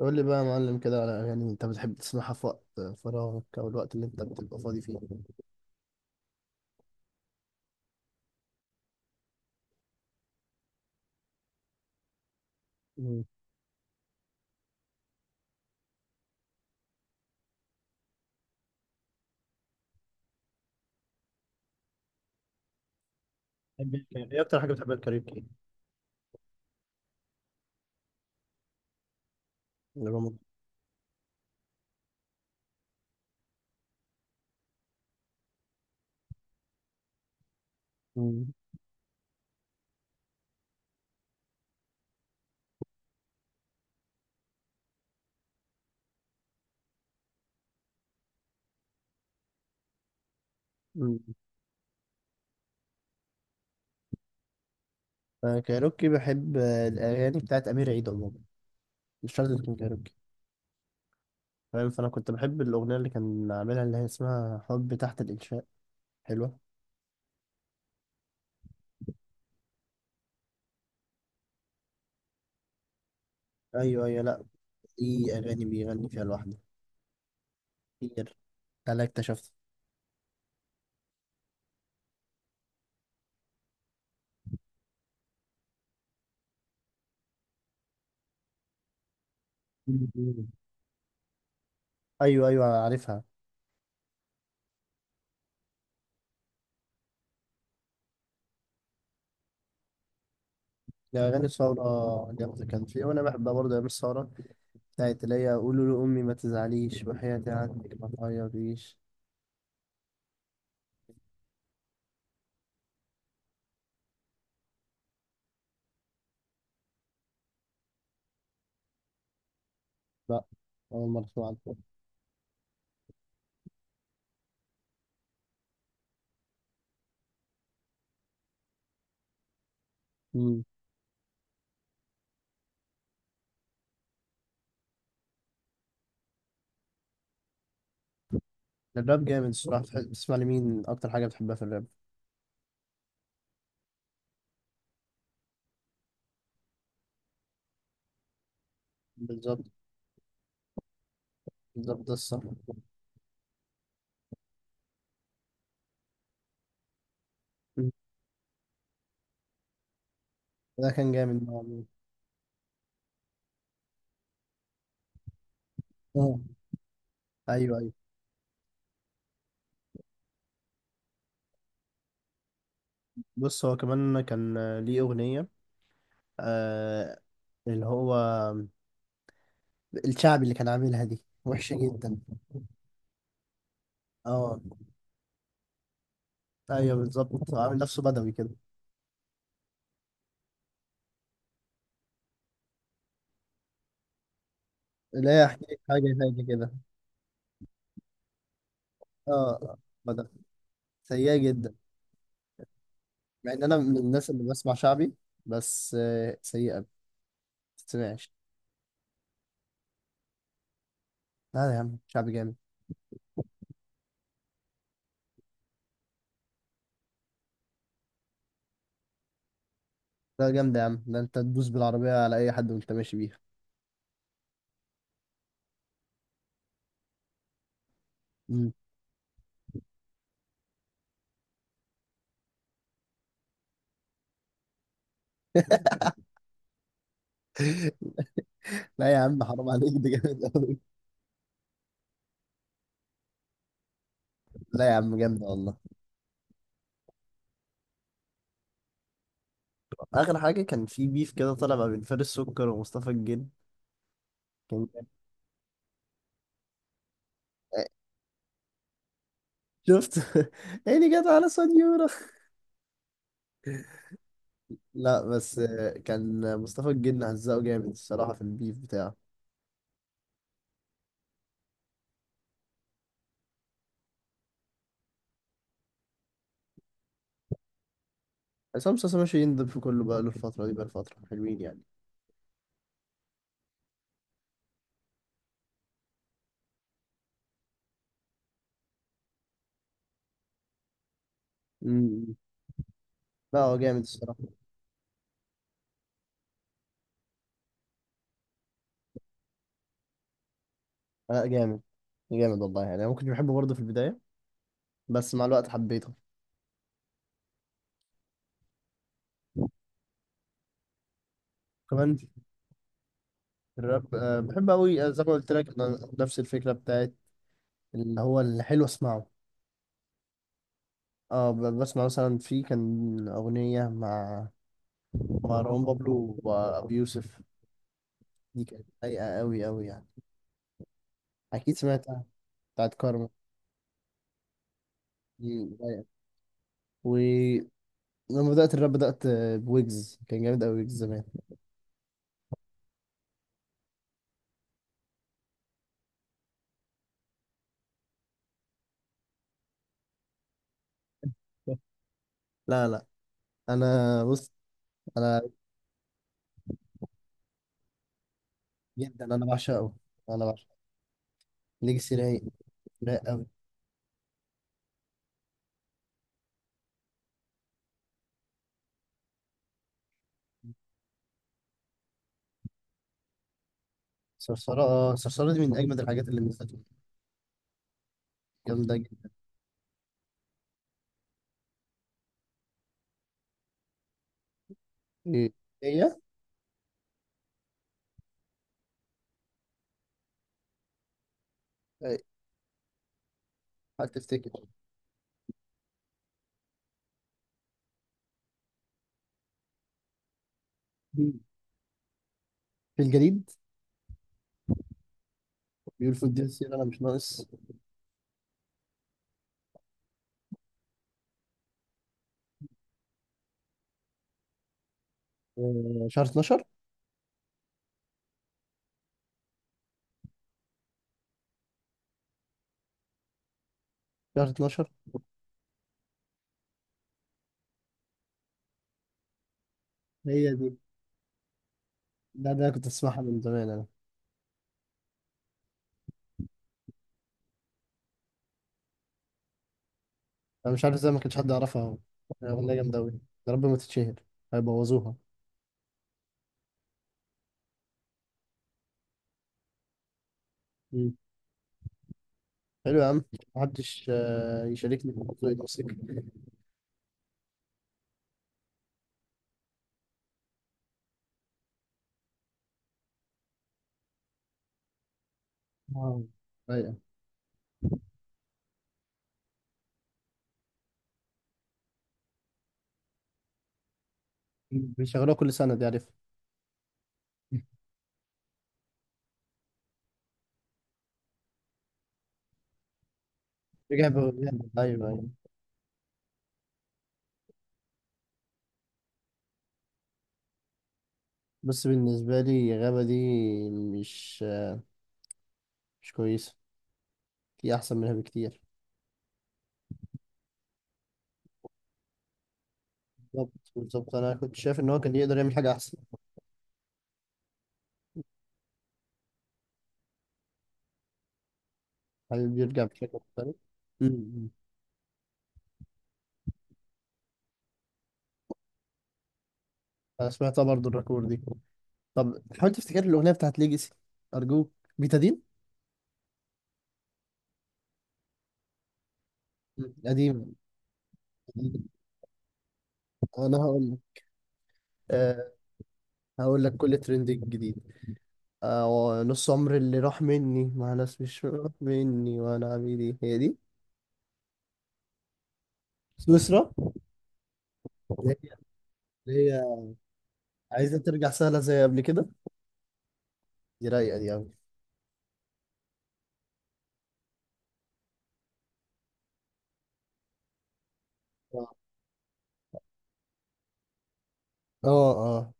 قول لي بقى يا معلم كده على أغاني أنت بتحب تسمعها في وقت فراغك أو الوقت اللي أنت بتبقى فاضي فيه. مم. بتحب الكاريوكي؟ ايه اكتر حاجه بتحبها الكاريوكي؟ رمضان. مم. مم. أنا كايروكي بحب الأغاني بتاعت أمير عيد عموما، مش شرط تكون كايروكي، فاهم. فأنا كنت بحب الأغنية اللي كان عاملها اللي هي اسمها حب تحت الإنشاء، حلوة. أيوه أيوه، لأ، دي أغاني بيغني فيها لوحده كتير، أنا اكتشفت. مم. أيوه أيوه عارفها. يا أغاني الثورة جامدة، كان في وأنا بحبها برضه أيام الثورة، بتاعت اللي هي قولوا لأمي ما تزعليش وحياتي عنك ما تعيطيش. لا، أول مرة أسمع عنها. امم. الراب جامد الصراحة، بتسمع لمين أكتر حاجة بتحبها في الراب؟ بالظبط بالظبط ده الصح. أمم. ده كان جامد مع مين؟ اه، أيوه أيوه. بص هو كمان كان ليه أغنية، آه، اللي هو الشعبي اللي كان عاملها دي وحشة جدا. اه، أيوه بالظبط، عامل نفسه بدوي كده، اللي هي أحكي لك حاجة، حاجة كده. اه، بدوي، سيئة جدا. مع ان انا من الناس اللي بسمع شعبي، بس سيئه ما بتسمعش. لا يا عم شعبي جامد، لا جامد يا عم، ده انت تدوس بالعربيه على اي حد وانت ماشي بيها. مم. لا يا عم حرام عليك ده جامد قوي. لا يا عم جامد والله. اخر حاجه كان في بيف كده طالع ما بين فارس سكر ومصطفى الجن، كان جامد. شفت عيني جت على صنيورة. لا بس كان مصطفى الجن هزقه جامد الصراحه في البيف بتاعه. عصام صاصا ماشي يندب في كله بقاله الفتره دي، بقى الفتره حلوين يعني. مم. لا هو جامد الصراحه. آه جامد، جامد والله يعني، انا ممكن بحبه برضه في البدايه بس مع الوقت حبيته. كمان الراب آه بحب قوي. زي ما قلت لك، أنا نفس الفكره بتاعت اللي هو الحلو اسمعه. اه، بسمع مثلا في كان اغنيه مع مروان بابلو وابي يوسف، دي كانت رايقه قوي قوي يعني، اكيد سمعتها، بتاعت كارما. دي رايقه. ولما بدات الراب، بدات بويجز، كان جامد قوي ويجز زمان. لا لا، انا بص، انا جدا بعشقه، انا بعشق ليجاسي، رايق لا قوي. صرصرة، اه، صرصرة دي من أجمد الحاجات اللي نزلت، جامدة جدا. إيه هي؟ إيه، هل تفتكر؟ في الجليد، بيقول في الدين السير أنا مش ناقص. شهر 12، شهر 12، هي دي. لا ده أنا كنت أسمعها من زمان أنا، أنا مش عارف إزاي ما كانش حد يعرفها أهو، أغنية جامدة أوي، يا رب ما تتشهر، هيبوظوها. مم. حلو يا عم، محدش يشاركني في موضوع الموسيقى. آه، أيوة بيشغلوها كل سنة، دي عارفها. أيوة أيوة. بس بالنسبة لي غابة دي مش، مش كويسة، في أحسن منها بكتير. بالظبط بالظبط، أنا كنت شايف إن هو كان يقدر يعمل حاجة أحسن. حابب يرجع بشكل مختلف. أمم. أنا سمعتها برضه الركور دي. طب حاول تفتكر الأغنية بتاعت ليجاسي، أرجوك، بيتادين. أمم. قديم، قديم. أنا هقول لك، أه، هقول لك كل ترند جديد، أه، نص عمر اللي راح مني مع ناس مش راح مني وأنا عبيدي، هي دي. سويسرا. اللي هي، اللي هي عايزة ترجع سهلة زي قبل كده، دي رايقه دي قوي. اه، اه،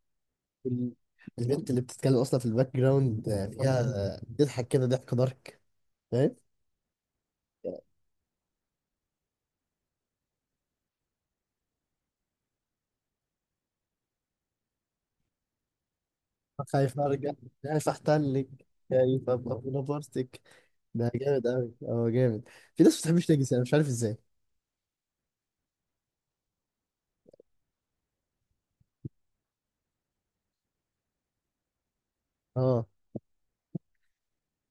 ال- البنت اللي بتتكلم اصلا في الباك جراوند فيها بتضحك كده ضحك دارك، فاهم. خايف ارجع، خايف احتلك، خايف ابقى في نفرتك. ده جامد قوي، اه جامد. في ناس ما بتحبش نيجسي، انا مش عارف ازاي. اه،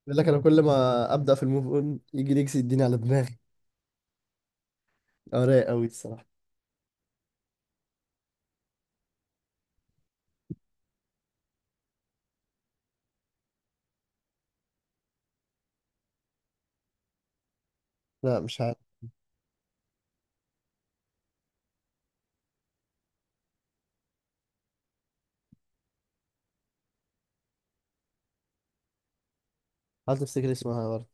يقول لك انا كل ما ابدا في الموف اون يجي نيجسي يديني على دماغي. اه رايق قوي الصراحه. لا مش عارف، حاول تفتكر اسمها برضه.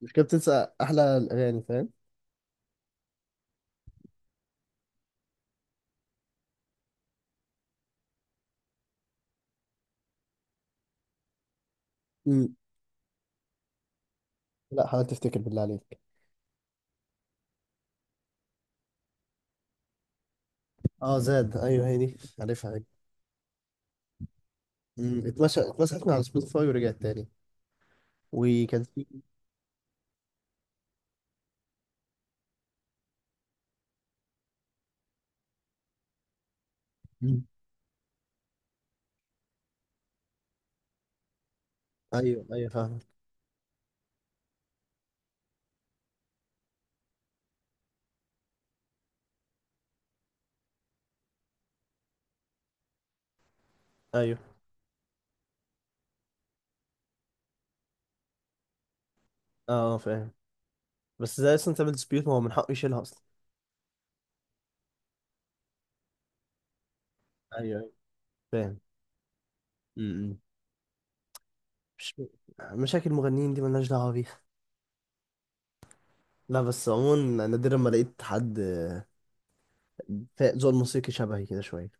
مش كده بتنسى احلى الاغاني، فاهم. امم. لا حاول تفتكر بالله عليك. اه زاد، ايوه هي دي، عارفها. مم، اتمشى، اتمسحت من على سبوتيفاي ورجعت تاني. وكان في. مم. ايوه ايوه فاهم. ايوه، اه، فاهم. بس زي اصلا تعمل ديسبيوت؟ ما هو من حقه يشيلها اصلا. ايوه ايوه فاهم. امم. مش مشاكل المغنيين دي ملناش دعوة بيها. لا بس عموما نادرا ما لقيت حد، ذوق الموسيقي شبهي كده شوية.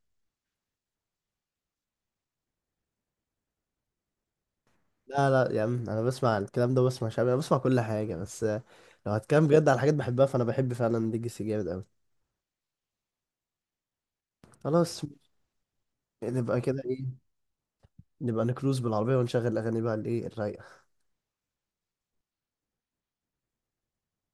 لا لا يا عم، انا بسمع الكلام ده، بسمع شعبي، انا بسمع كل حاجة، بس لو هتكلم بجد على حاجات بحبها، فانا بحب فعلا ليجاسي جامد قوي. خلاص، نبقى كده ايه، نبقى نكروز بالعربية ونشغل اغاني بقى الايه الرايقة.